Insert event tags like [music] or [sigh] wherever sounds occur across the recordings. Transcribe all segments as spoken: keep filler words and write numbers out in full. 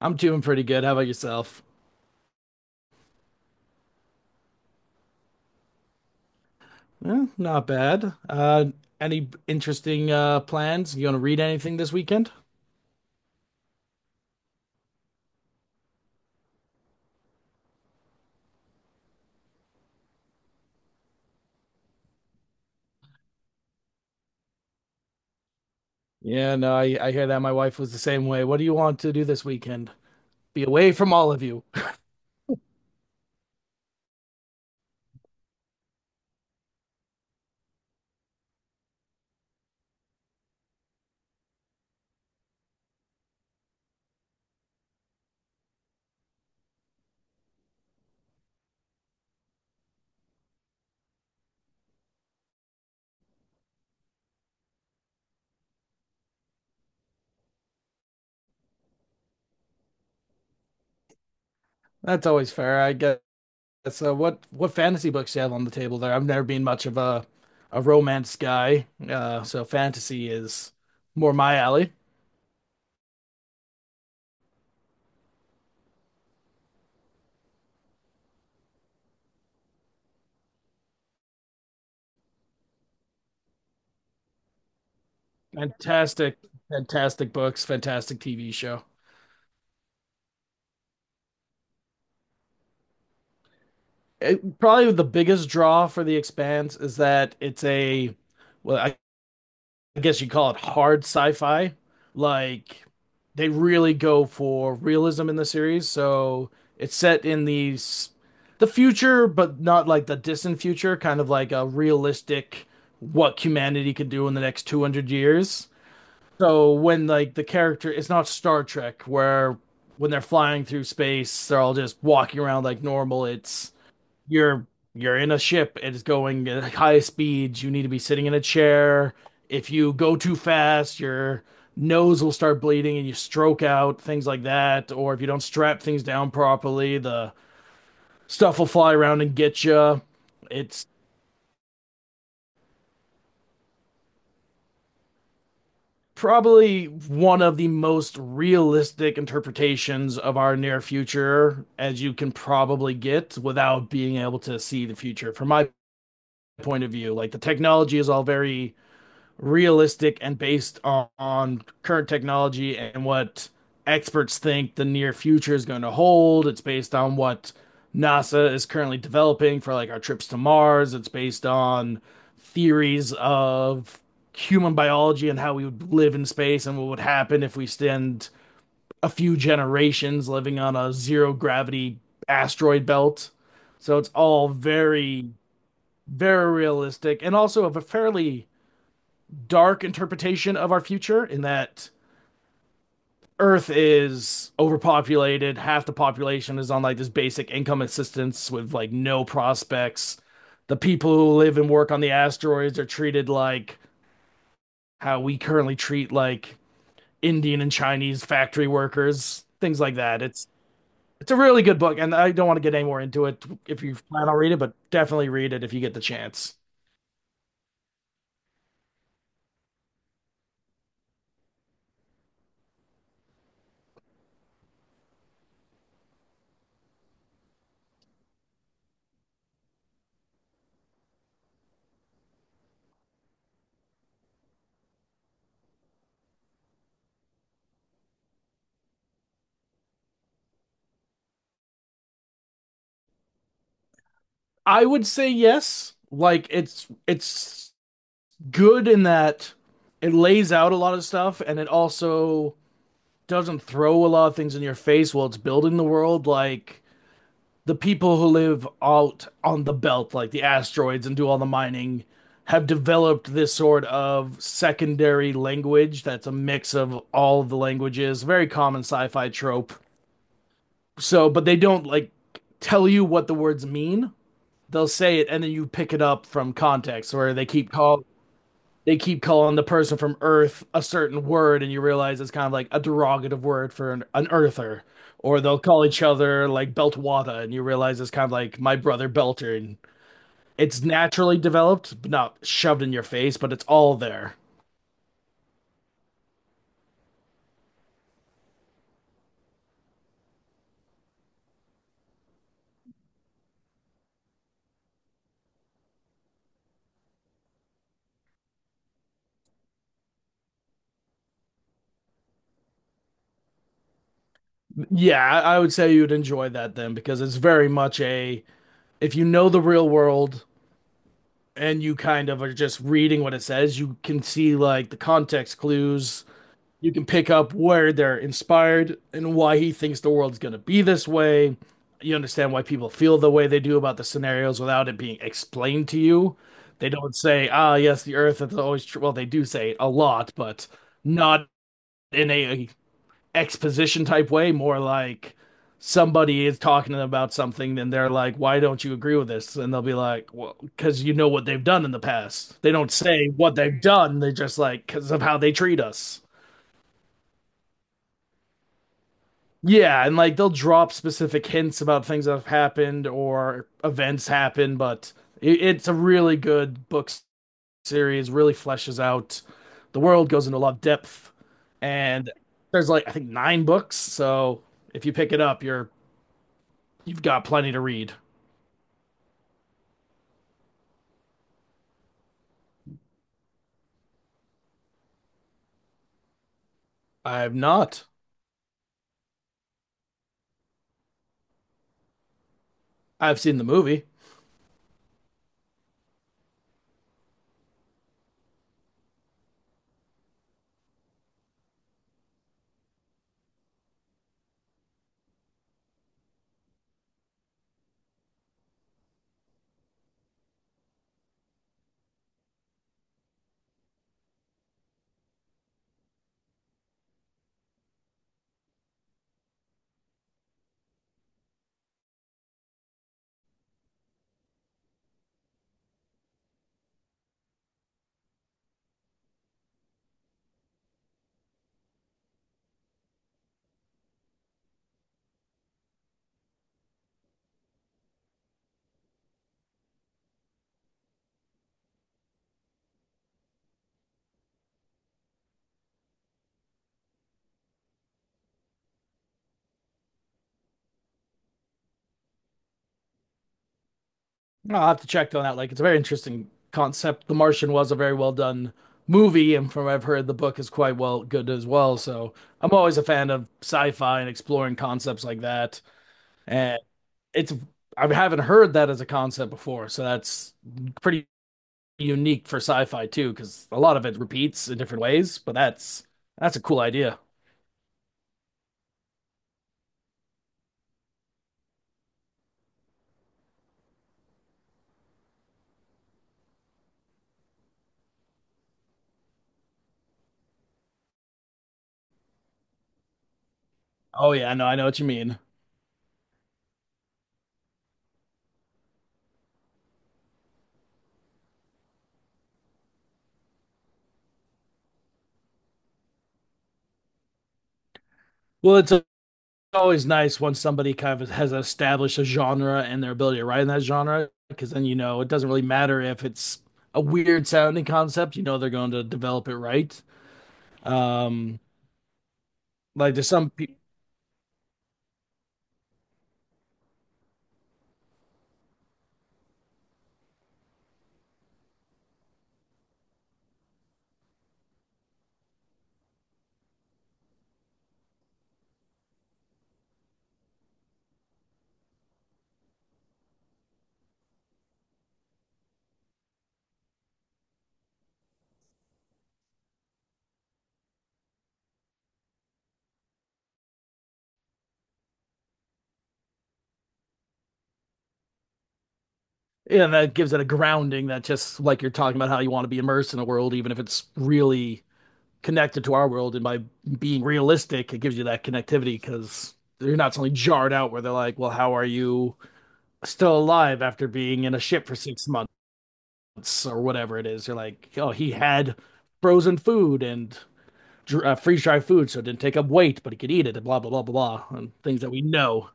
I'm doing pretty good. How about yourself? Eh, not bad. Uh, any interesting uh plans? You gonna read anything this weekend? Yeah, no, I, I hear that. My wife was the same way. What do you want to do this weekend? Be away from all of you. [laughs] That's always fair, I guess. So what what fantasy books do you have on the table there? I've never been much of a a romance guy, uh, so fantasy is more my alley. Fantastic, fantastic books, fantastic T V show. It, probably the biggest draw for The Expanse is that it's a well, I I guess you call it hard sci-fi. Like they really go for realism in the series, so it's set in these the future, but not like the distant future, kind of like a realistic what humanity could do in the next two hundred years. So when like the character, it's not Star Trek where when they're flying through space, they're all just walking around like normal. It's you're you're in a ship. It's going at high speeds. You need to be sitting in a chair. If you go too fast, your nose will start bleeding and you stroke out, things like that. Or if you don't strap things down properly, the stuff will fly around and get you. It's probably one of the most realistic interpretations of our near future as you can probably get without being able to see the future. From my point of view, like the technology is all very realistic and based on, on current technology and what experts think the near future is going to hold. It's based on what NASA is currently developing for like our trips to Mars. It's based on theories of human biology and how we would live in space and what would happen if we spend a few generations living on a zero gravity asteroid belt. So it's all very, very realistic and also of a fairly dark interpretation of our future in that Earth is overpopulated, half the population is on like this basic income assistance with like no prospects. The people who live and work on the asteroids are treated like how we currently treat like Indian and Chinese factory workers, things like that. It's it's a really good book, and I don't want to get any more into it if you plan on reading it, but definitely read it if you get the chance. I would say yes. Like it's it's good in that it lays out a lot of stuff and it also doesn't throw a lot of things in your face while it's building the world, like the people who live out on the belt like the asteroids and do all the mining have developed this sort of secondary language that's a mix of all of the languages. Very common sci-fi trope, so but they don't like tell you what the words mean. They'll say it and then you pick it up from context where they keep calling. They keep calling the person from Earth a certain word, and you realize it's kind of like a derogative word for an, an Earther. Or they'll call each other like Beltwada, and you realize it's kind of like my brother Belter. And it's naturally developed, but not shoved in your face, but it's all there. Yeah, I would say you'd enjoy that then because it's very much a if you know the real world and you kind of are just reading what it says, you can see like the context clues. You can pick up where they're inspired and why he thinks the world's going to be this way. You understand why people feel the way they do about the scenarios without it being explained to you. They don't say, "Ah, yes, the Earth is always true." Well, they do say it a lot, but not in a exposition type way. More like somebody is talking to them about something, and they're like, "Why don't you agree with this?" And they'll be like, "Well, because you know what they've done in the past." They don't say what they've done. They're just like, "Because of how they treat us." Yeah, and like they'll drop specific hints about things that have happened or events happen, but it, it's a really good book series, really fleshes out the world, goes into a lot of depth, and there's like I think nine books, so if you pick it up, you're you've got plenty to read. I've not. I've seen the movie. I'll have to check on that. Like, it's a very interesting concept. The Martian was a very well done movie, and from what I've heard, the book is quite well good as well. So I'm always a fan of sci-fi and exploring concepts like that. And it's I haven't heard that as a concept before, so that's pretty unique for sci-fi too, because a lot of it repeats in different ways. But that's that's a cool idea. Oh yeah, no, I know what you mean. Well, it's a always nice when somebody kind of has established a genre and their ability to write in that genre, because then you know it doesn't really matter if it's a weird sounding concept. You know they're going to develop it right. Um, like there's some people, yeah, that gives it a grounding that just like you're talking about how you want to be immersed in a world, even if it's really connected to our world. And by being realistic, it gives you that connectivity because you're not suddenly jarred out where they're like, well, how are you still alive after being in a ship for six months? Or whatever it is. You're like, oh, he had frozen food and dr- uh, freeze dried food, so it didn't take up weight, but he could eat it and blah, blah, blah, blah, blah. And things that we know.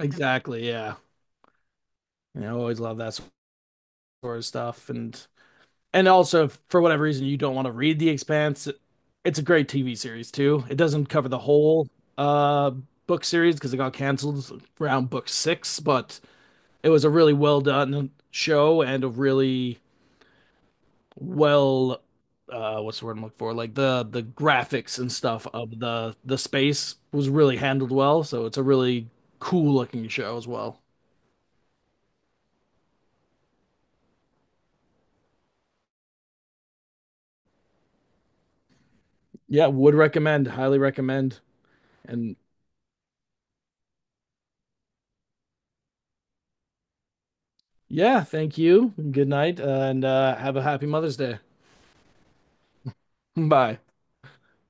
Exactly. Yeah. You know, I always love that sort of stuff. And, and also, if for whatever reason, you don't want to read The Expanse, it's a great T V series too. It doesn't cover the whole uh, book series because it got canceled around book six, but it was a really well done show and a really well uh what's the word I'm looking for? Like the the graphics and stuff of the the space was really handled well, so it's a really cool looking show as well. Yeah, would recommend, highly recommend. And yeah, thank you. Good night, uh, and uh have a happy Mother's Day. Bye.